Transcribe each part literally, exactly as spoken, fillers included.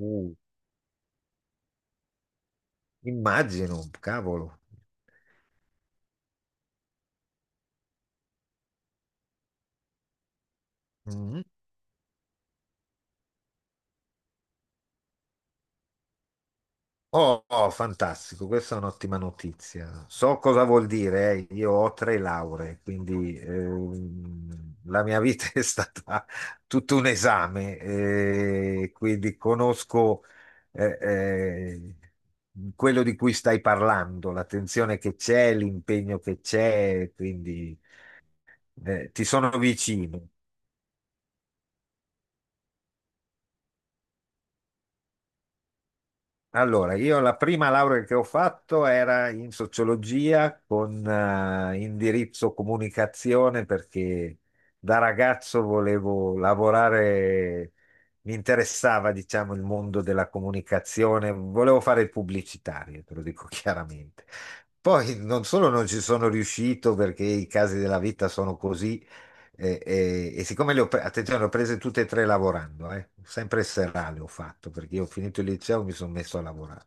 Uh, Immagino, cavolo. Mm. Oh, oh, fantastico, questa è un'ottima notizia. So cosa vuol dire, eh. Io ho tre lauree, quindi ehm, la mia vita è stata tutto un esame, eh, quindi conosco eh, eh, quello di cui stai parlando, l'attenzione che c'è, l'impegno che c'è, quindi eh, ti sono vicino. Allora, io la prima laurea che ho fatto era in sociologia con eh, indirizzo comunicazione perché da ragazzo volevo lavorare, mi interessava, diciamo, il mondo della comunicazione, volevo fare il pubblicitario, te lo dico chiaramente. Poi non solo non ci sono riuscito perché i casi della vita sono così, e, e- e siccome le ho, pre- attenzione, le ho prese tutte e tre lavorando, eh, sempre serale ho fatto perché io ho finito il liceo e mi sono messo a lavorare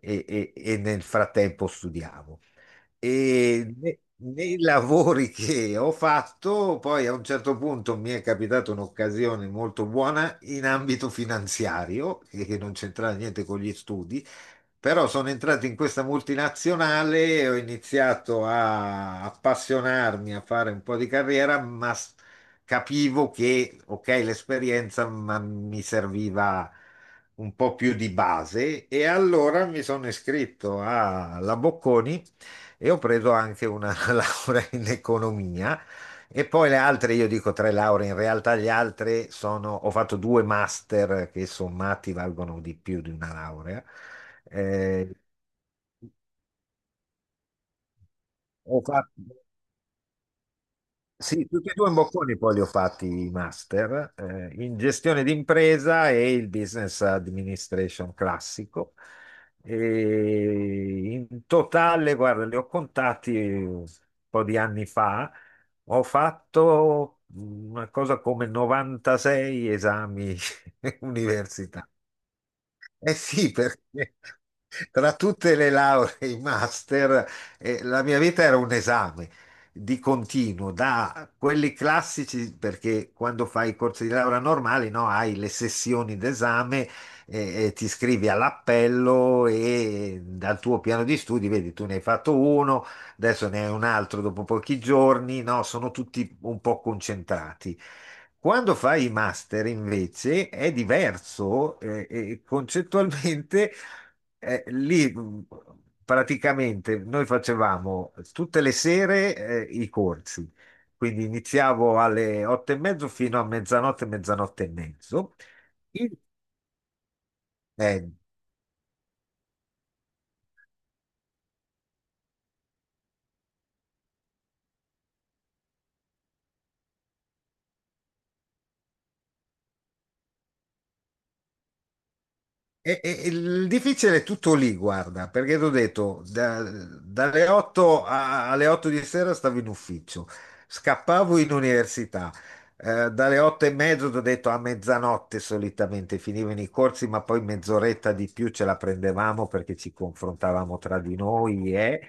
e, e- e nel frattempo studiavo. E ne- nei lavori che ho fatto, poi a un certo punto mi è capitata un'occasione molto buona in ambito finanziario, che che non c'entrava niente con gli studi, però sono entrato in questa multinazionale e ho iniziato a appassionarmi, a fare un po' di carriera, ma s- capivo che, ok, l'esperienza, ma mi serviva un po' più di base e allora mi sono iscritto alla Bocconi e ho preso anche una laurea in economia. E poi le altre, io dico tre lauree, in realtà gli altri sono, ho fatto due master che sommati valgono di più di una laurea. Eh, Ho fatto, sì, tutti e due i bocconi poi li ho fatti i master eh, in gestione d'impresa e il business administration classico. E in totale, guarda, li ho contati un po' di anni fa, ho fatto una cosa come novantasei esami universitari. Eh sì, perché tra tutte le lauree e i master, eh, la mia vita era un esame di continuo, da quelli classici, perché quando fai i corsi di laurea normali, no, hai le sessioni d'esame, eh, e ti iscrivi all'appello e dal tuo piano di studi, vedi, tu ne hai fatto uno, adesso ne hai un altro dopo pochi giorni, no, sono tutti un po' concentrati. Quando fai i master invece è diverso eh, e concettualmente eh, lì mh, praticamente noi facevamo tutte le sere eh, i corsi, quindi iniziavo alle otto e mezzo fino a mezzanotte, mezzanotte e mezzo. Il- eh, E- e- il difficile è tutto lì, guarda, perché ti ho detto, da- dalle otto a- alle otto di sera stavo in ufficio, scappavo in università, eh, dalle otto e mezzo ti ho detto a mezzanotte solitamente finivano i corsi, ma poi mezz'oretta di più ce la prendevamo perché ci confrontavamo tra di noi, eh.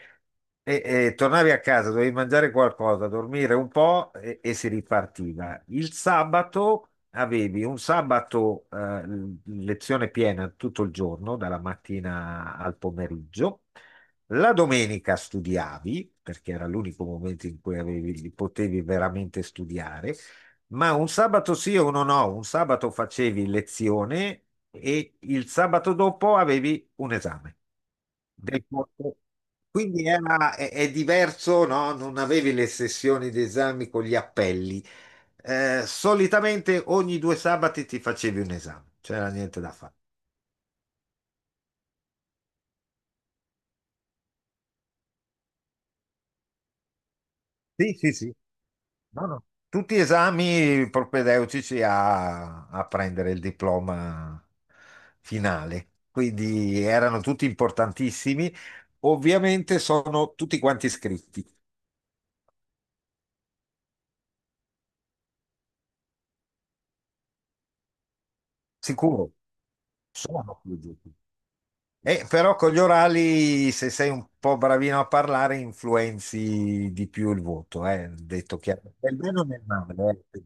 E, e tornavi a casa, dovevi mangiare qualcosa, dormire un po' e, e si ripartiva. Il sabato avevi un sabato eh, lezione piena tutto il giorno, dalla mattina al pomeriggio. La domenica studiavi, perché era l'unico momento in cui avevi- potevi veramente studiare, ma un sabato sì o uno no, un sabato facevi lezione e il sabato dopo avevi un esame del corpo. Quindi era- è, è diverso, no? Non avevi le sessioni di esami con gli appelli. Eh, solitamente ogni due sabati ti facevi un esame, c'era niente da fare. Sì, sì, sì. No, no. Tutti esami propedeutici a, a prendere il diploma finale, quindi erano tutti importantissimi. Ovviamente sono tutti quanti iscritti, sicuro, sono iscritti. Eh, però con gli orali, se sei un po' bravino a parlare, influenzi di più il voto, eh, detto chiaro. Nel bene o nel male, eh.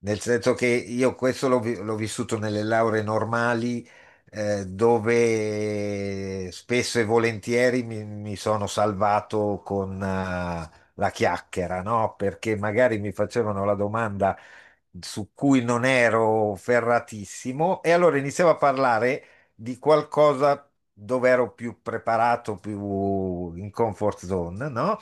Nel senso che io questo l'ho vi- l'ho vissuto nelle lauree normali, eh, dove spesso e volentieri mi, mi sono salvato con, eh, la chiacchiera, no? Perché magari mi facevano la domanda su cui non ero ferratissimo e allora iniziavo a parlare di qualcosa dove ero più preparato, più in comfort zone, no?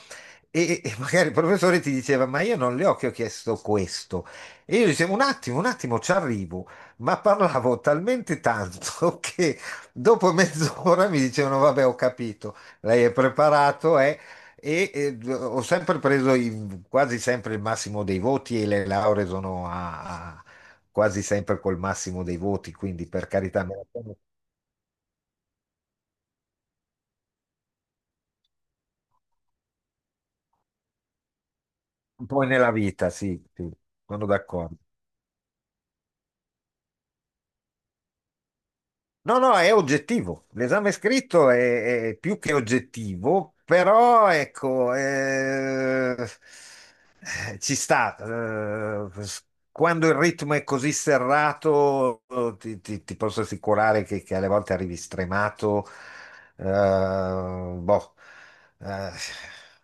E, e magari il professore ti diceva, ma io non le ho che ho chiesto questo. E io dicevo, un attimo, un attimo, ci arrivo, ma parlavo talmente tanto che dopo mezz'ora mi dicevano, vabbè, ho capito, lei è preparato, eh, e, e d- ho sempre preso i- quasi sempre il massimo dei voti e le lauree sono a, a- quasi sempre col massimo dei voti, quindi per carità, me la sono un po' nella vita, sì, sì, sono d'accordo. No, no, è oggettivo. L'esame scritto è, è più che oggettivo, però ecco, eh, ci sta. Eh, s- quando il ritmo è così serrato, eh, ti, ti- ti posso assicurare che, che alle volte arrivi stremato. eh, Boh. eh,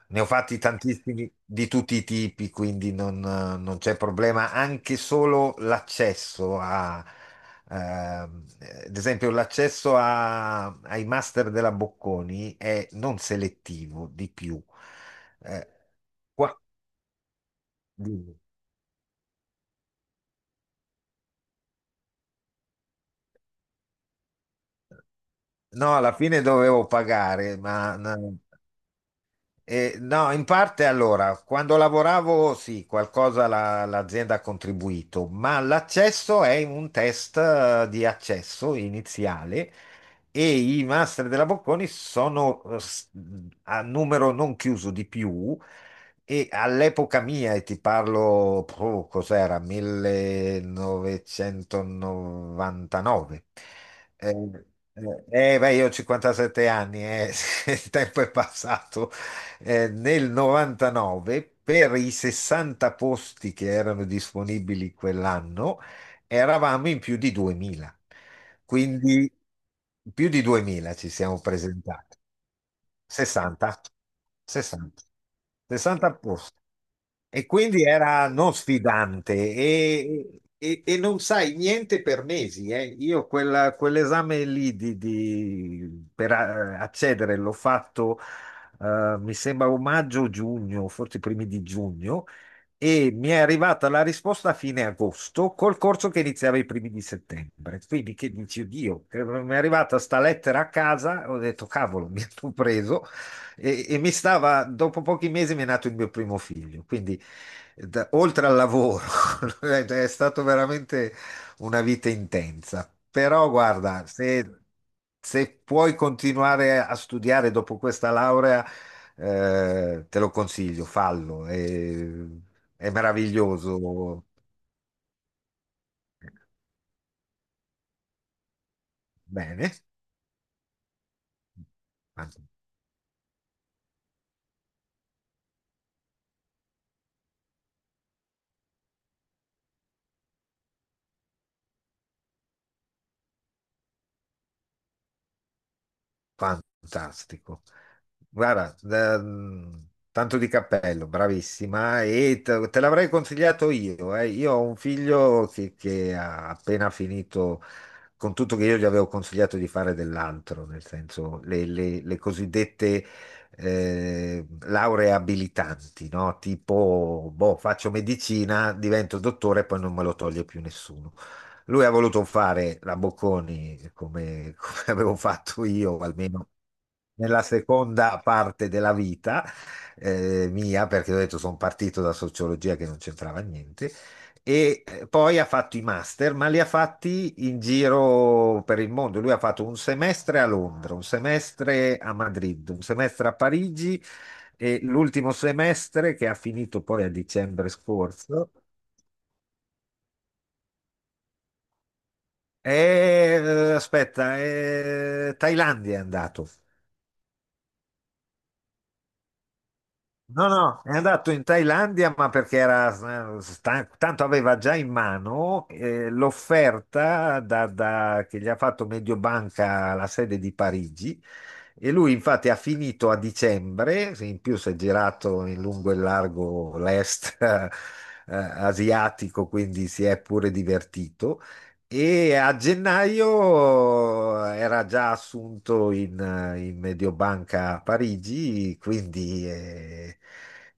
Ne ho fatti tantissimi di tutti i tipi, quindi non non c'è problema. Anche solo l'accesso a eh, ad esempio, l'accesso a- ai master della Bocconi è non selettivo di più. Eh, qua- dimmi. No, alla fine dovevo pagare, ma no. Eh, no, in parte allora, quando lavoravo sì, qualcosa la- l'azienda ha contribuito, ma l'accesso è un test eh, di accesso iniziale e i master della Bocconi sono eh, s- a numero non chiuso di più. E all'epoca mia, e ti parlo, puh, cos'era, millenovecentonovantanove. Eh, eh, eh, Beh, io ho cinquantasette anni, eh, il tempo è passato. Eh, nel novantanove per i sessanta posti che erano disponibili quell'anno, eravamo in più di duemila. Quindi più di duemila ci siamo presentati. sessanta, sessanta, sessanta posti. E quindi era non sfidante e, e- e non sai niente per mesi. eh. Io quella- quell'esame lì di, di- per eh, accedere l'ho fatto, eh, mi sembra o maggio o giugno, forse i primi di giugno e mi è arrivata la risposta a fine agosto col corso che iniziava i primi di settembre. Quindi che dici, oddio, eh, mi è arrivata sta lettera a casa, ho detto, cavolo, mi hanno preso e, e mi stava, dopo pochi mesi mi è nato il mio primo figlio. Quindi da- oltre al lavoro, è è stato veramente una vita intensa. Però guarda, se, se puoi continuare a studiare dopo questa laurea, eh, te lo consiglio, fallo. E è meraviglioso. Bene. Fan- Fantastico. Guarda, da- mhmm, tanto di cappello, bravissima. eh, E te, te l'avrei consigliato io. Eh. Io ho un figlio che, che ha appena finito, con tutto che io gli avevo consigliato di fare dell'altro, nel senso le, le- le cosiddette eh, lauree abilitanti, no? Tipo, boh, faccio medicina, divento dottore e poi non me lo toglie più nessuno. Lui ha voluto fare la Bocconi come, come avevo fatto io, almeno nella seconda parte della vita eh, mia, perché ho detto sono partito da sociologia che non c'entrava niente, e eh, poi ha fatto i master, ma li ha fatti in giro per il mondo. Lui ha fatto un semestre a Londra, un semestre a Madrid, un semestre a Parigi e l'ultimo semestre che ha finito poi a dicembre scorso. È, eh, aspetta, è Thailandia è andato. No, no, è andato in Thailandia, ma perché era eh, stan- tanto aveva già in mano eh, l'offerta da- da- che gli ha fatto Mediobanca alla sede di Parigi, e lui infatti ha finito a dicembre, se in più si è girato in lungo e largo l'est eh, asiatico, quindi si è pure divertito. E a gennaio era già assunto in, in Mediobanca a Parigi, quindi eh,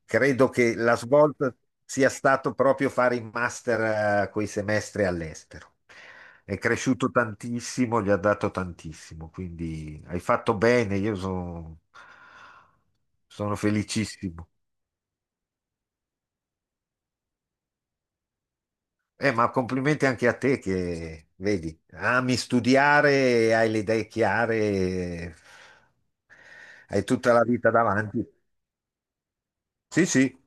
credo che la svolta sia stato proprio fare il master, eh, quei semestri all'estero. È cresciuto tantissimo, gli ha dato tantissimo, quindi hai fatto bene, io sono sono felicissimo. Eh, ma complimenti anche a te che, vedi, ami studiare, hai le idee chiare, hai tutta la vita davanti. Sì, sì.